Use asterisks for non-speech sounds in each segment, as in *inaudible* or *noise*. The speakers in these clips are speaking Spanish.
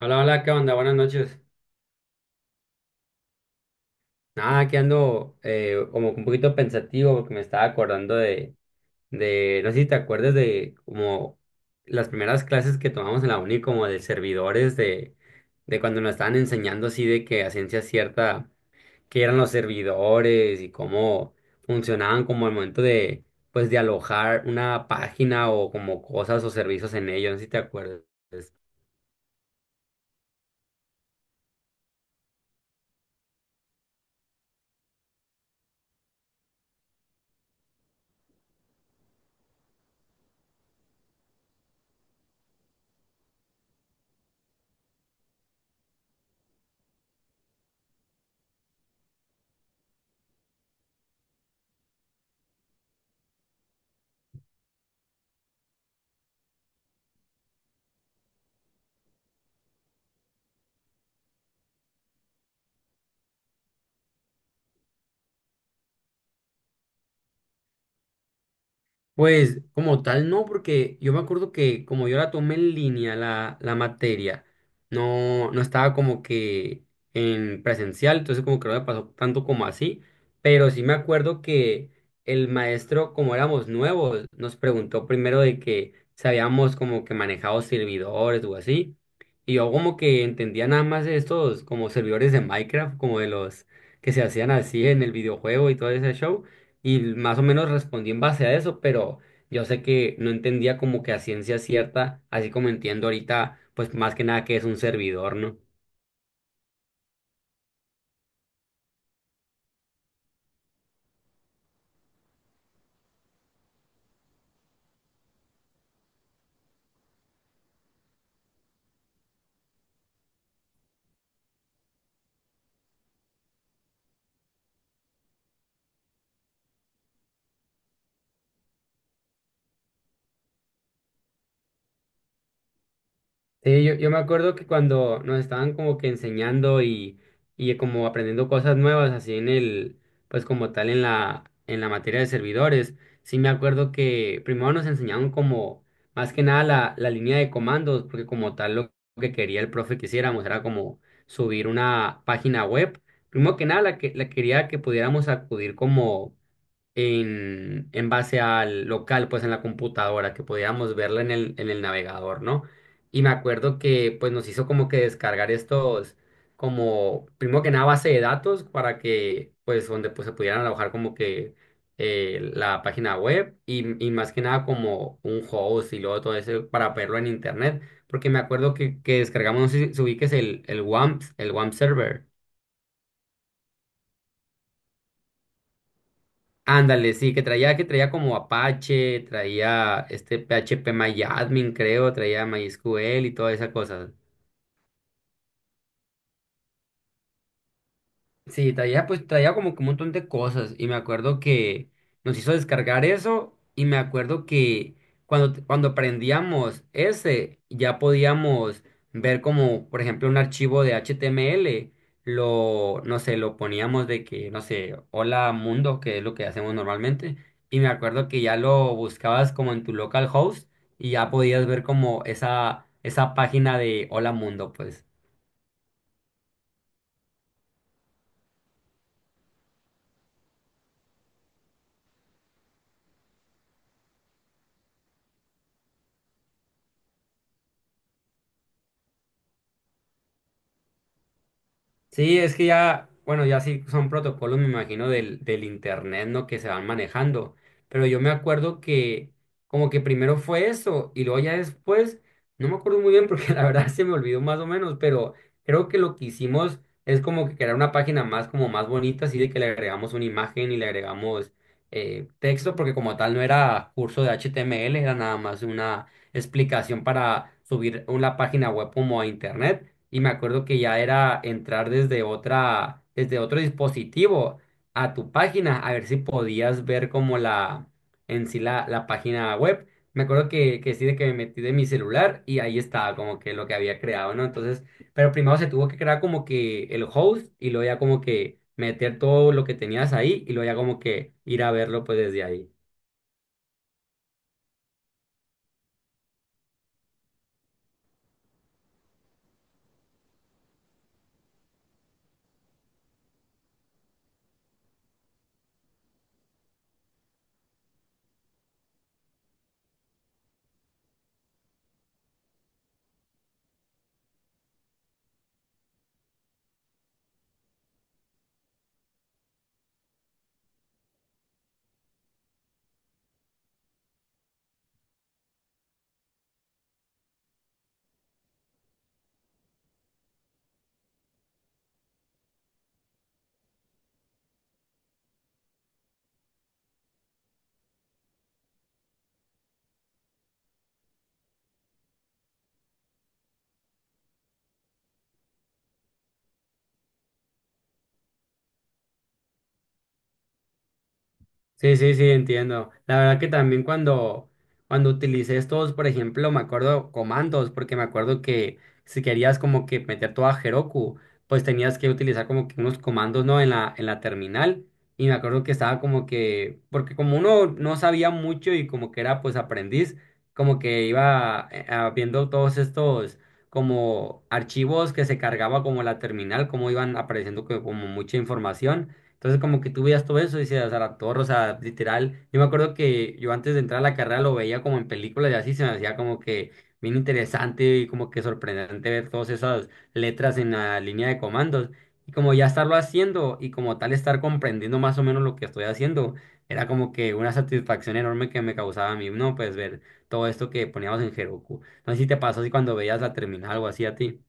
Hola, hola, ¿qué onda? Buenas noches. Nada, que ando como un poquito pensativo porque me estaba acordando de, no sé si te acuerdas de como las primeras clases que tomamos en la uni, como de servidores, de cuando nos estaban enseñando así de que a ciencia cierta, qué eran los servidores y cómo funcionaban como el momento de, pues, de alojar una página o como cosas o servicios en ellos, no sé si te acuerdas. Pues como tal no, porque yo me acuerdo que como yo la tomé en línea la materia, no estaba como que en presencial, entonces como que no me pasó tanto como así, pero sí me acuerdo que el maestro, como éramos nuevos, nos preguntó primero de que si habíamos como que manejado servidores o así, y yo como que entendía nada más de estos como servidores de Minecraft, como de los que se hacían así en el videojuego y todo ese show y más o menos respondí en base a eso, pero yo sé que no entendía como que a ciencia cierta, así como entiendo ahorita, pues más que nada que es un servidor, ¿no? Sí, yo me acuerdo que cuando nos estaban como que enseñando y como aprendiendo cosas nuevas, así en el, pues como tal en la materia de servidores, sí me acuerdo que primero nos enseñaron como más que nada la línea de comandos, porque como tal lo que quería el profe que hiciéramos era como subir una página web. Primero que nada, la que la quería que pudiéramos acudir como en base al local, pues en la computadora, que podíamos verla en el navegador, ¿no? Y me acuerdo que pues nos hizo como que descargar estos, como, primero que nada, base de datos para que, pues, donde pues se pudieran alojar como que la página web y más que nada como un host y luego todo eso para verlo en internet, porque me acuerdo que descargamos, no sé si ubiques el WAMP, el WAMP server. Ándale, sí, que traía como Apache, traía este PHP MyAdmin, creo, traía MySQL y toda esa cosa. Sí, traía como que un montón de cosas y me acuerdo que nos hizo descargar eso y me acuerdo que cuando prendíamos ese ya podíamos ver como por ejemplo un archivo de HTML, lo no sé, lo poníamos de que no sé, hola mundo, que es lo que hacemos normalmente y me acuerdo que ya lo buscabas como en tu localhost y ya podías ver como esa esa página de hola mundo, pues. Sí, es que ya, bueno, ya sí son protocolos, me imagino, del internet, ¿no? Que se van manejando. Pero yo me acuerdo que como que primero fue eso y luego ya después, no me acuerdo muy bien porque *laughs* la verdad se me olvidó más o menos, pero creo que lo que hicimos es como que crear una página más, como más bonita, así de que le agregamos una imagen y le agregamos texto, porque como tal no era curso de HTML, era nada más una explicación para subir una página web como a internet y me acuerdo que ya era entrar desde otro dispositivo a tu página, a ver si podías ver como en sí la página web. Me acuerdo que sí, de que me metí de mi celular y ahí estaba como que lo que había creado, ¿no? Entonces, pero primero se tuvo que crear como que el host y luego ya como que meter todo lo que tenías ahí y luego ya como que ir a verlo pues desde ahí. Sí, sí, sí, entiendo. La verdad que también cuando utilicé estos, por ejemplo, me acuerdo comandos, porque me acuerdo que si querías como que meter todo a Heroku, pues tenías que utilizar como que unos comandos, ¿no? En la terminal. Y me acuerdo que estaba como que, porque como uno no sabía mucho y como que era pues aprendiz, como que iba viendo todos estos como archivos que se cargaba como la terminal, como iban apareciendo como mucha información. Entonces como que tú veías todo eso y decías, a la torre, o sea, literal. Yo me acuerdo que yo antes de entrar a la carrera lo veía como en películas y así se me hacía como que bien interesante y como que sorprendente ver todas esas letras en la línea de comandos. Y como ya estarlo haciendo y como tal estar comprendiendo más o menos lo que estoy haciendo, era como que una satisfacción enorme que me causaba a mí, ¿no? Pues ver todo esto que poníamos en Heroku. No sé si te pasó así cuando veías la terminal o así a ti.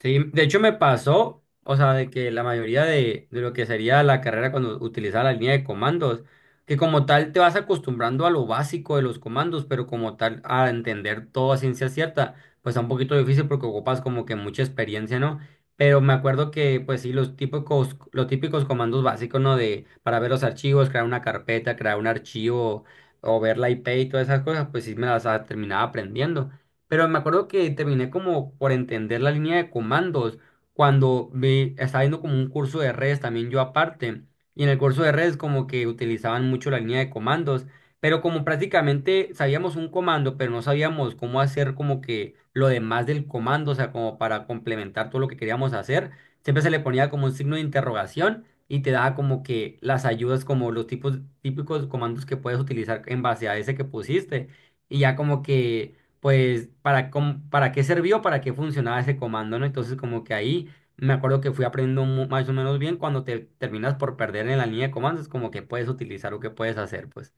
Sí, de hecho me pasó, o sea, de que la mayoría de lo que sería la carrera cuando utilizaba la línea de comandos, que como tal te vas acostumbrando a lo básico de los comandos, pero como tal a entender todo a ciencia cierta, pues está un poquito difícil porque ocupas como que mucha experiencia, ¿no? Pero me acuerdo que, pues sí, los típicos comandos básicos, ¿no? De, para ver los archivos, crear una carpeta, crear un archivo o ver la IP y todas esas cosas, pues sí me las terminaba aprendiendo. Pero me acuerdo que terminé como por entender la línea de comandos cuando vi, estaba viendo como un curso de redes también yo aparte. Y en el curso de redes como que utilizaban mucho la línea de comandos. Pero como prácticamente sabíamos un comando, pero no sabíamos cómo hacer como que lo demás del comando, o sea, como para complementar todo lo que queríamos hacer, siempre se le ponía como un signo de interrogación y te daba como que las ayudas, como los tipos típicos comandos que puedes utilizar en base a ese que pusiste. Y ya como que pues para, cómo- para qué sirvió, para qué funcionaba ese comando, ¿no? Entonces como que ahí me acuerdo que fui aprendiendo mu- más o menos bien cuando te terminas por perder en la línea de comandos, como que puedes utilizar o que puedes hacer, pues.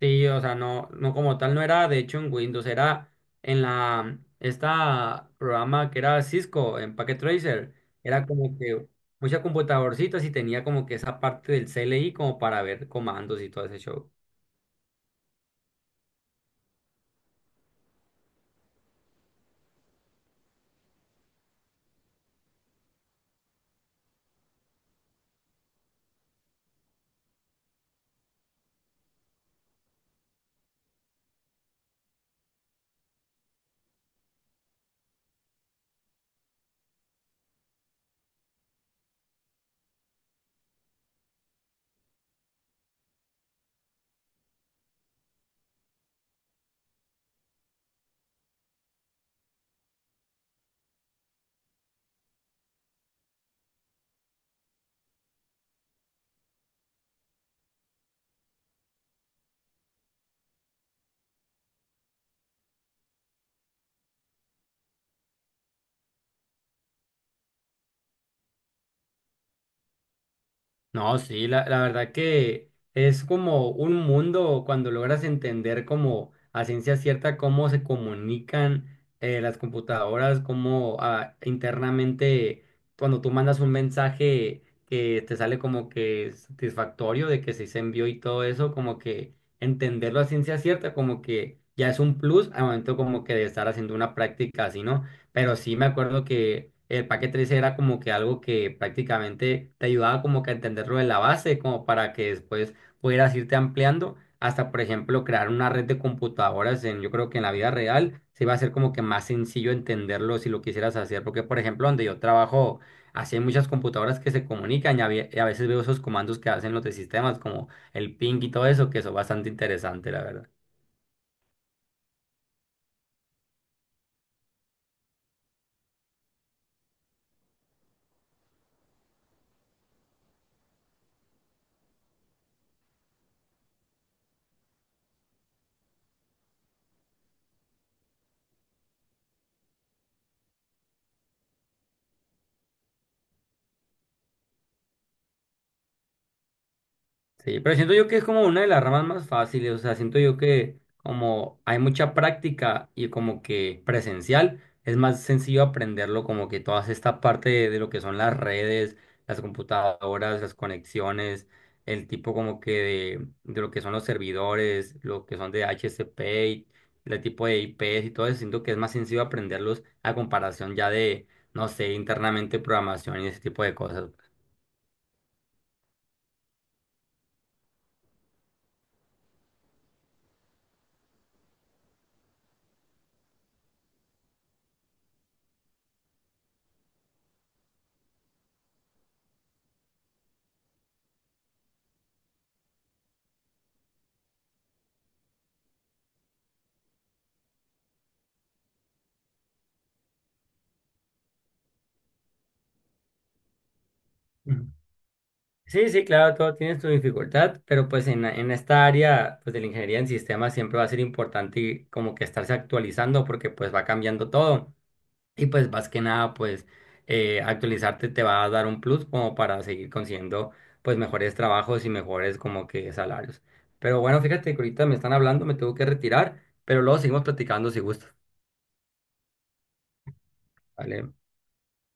Sí, o sea, no como tal no era, de hecho en Windows era en la, esta programa que era Cisco, en Packet Tracer, era como que muchas computadorcitas y tenía como que esa parte del CLI como para ver comandos y todo ese show. No, sí, la verdad que es como un mundo cuando logras entender como a ciencia cierta cómo se comunican las computadoras, cómo internamente cuando tú mandas un mensaje que te sale como que satisfactorio de que sí se envió y todo eso, como que entenderlo a ciencia cierta, como que ya es un plus al momento como que de estar haciendo una práctica así, ¿no? Pero sí me acuerdo que el paquete 13 era como que algo que prácticamente te ayudaba como que a entenderlo de la base, como para que después pudieras irte ampliando hasta, por ejemplo, crear una red de computadoras en, yo creo que en la vida real se iba a ser como que más sencillo entenderlo si lo quisieras hacer, porque, por ejemplo, donde yo trabajo, así hay muchas computadoras que se comunican y a, ve- y a veces veo esos comandos que hacen los de sistemas, como el ping y todo eso, que son bastante interesante, la verdad. Sí, pero siento yo que es como una de las ramas más fáciles, o sea, siento yo que como hay mucha práctica y como que presencial, es más sencillo aprenderlo como que toda esta parte de lo que son las redes, las computadoras, las conexiones, el tipo como que de lo que son los servidores, lo que son de HCP, y el tipo de IPs y todo eso, siento que es más sencillo aprenderlos a comparación ya de, no sé, internamente programación y ese tipo de cosas. Sí, sí, claro, todo tiene su dificultad, pero pues en esta área pues de la ingeniería en sistemas siempre va a ser importante y como que estarse actualizando porque pues va cambiando todo y pues más que nada pues actualizarte te va a dar un plus como para seguir consiguiendo pues mejores trabajos y mejores como que salarios. Pero bueno, fíjate que ahorita me están hablando, me tengo que retirar, pero luego seguimos platicando si gusta. ¿Vale?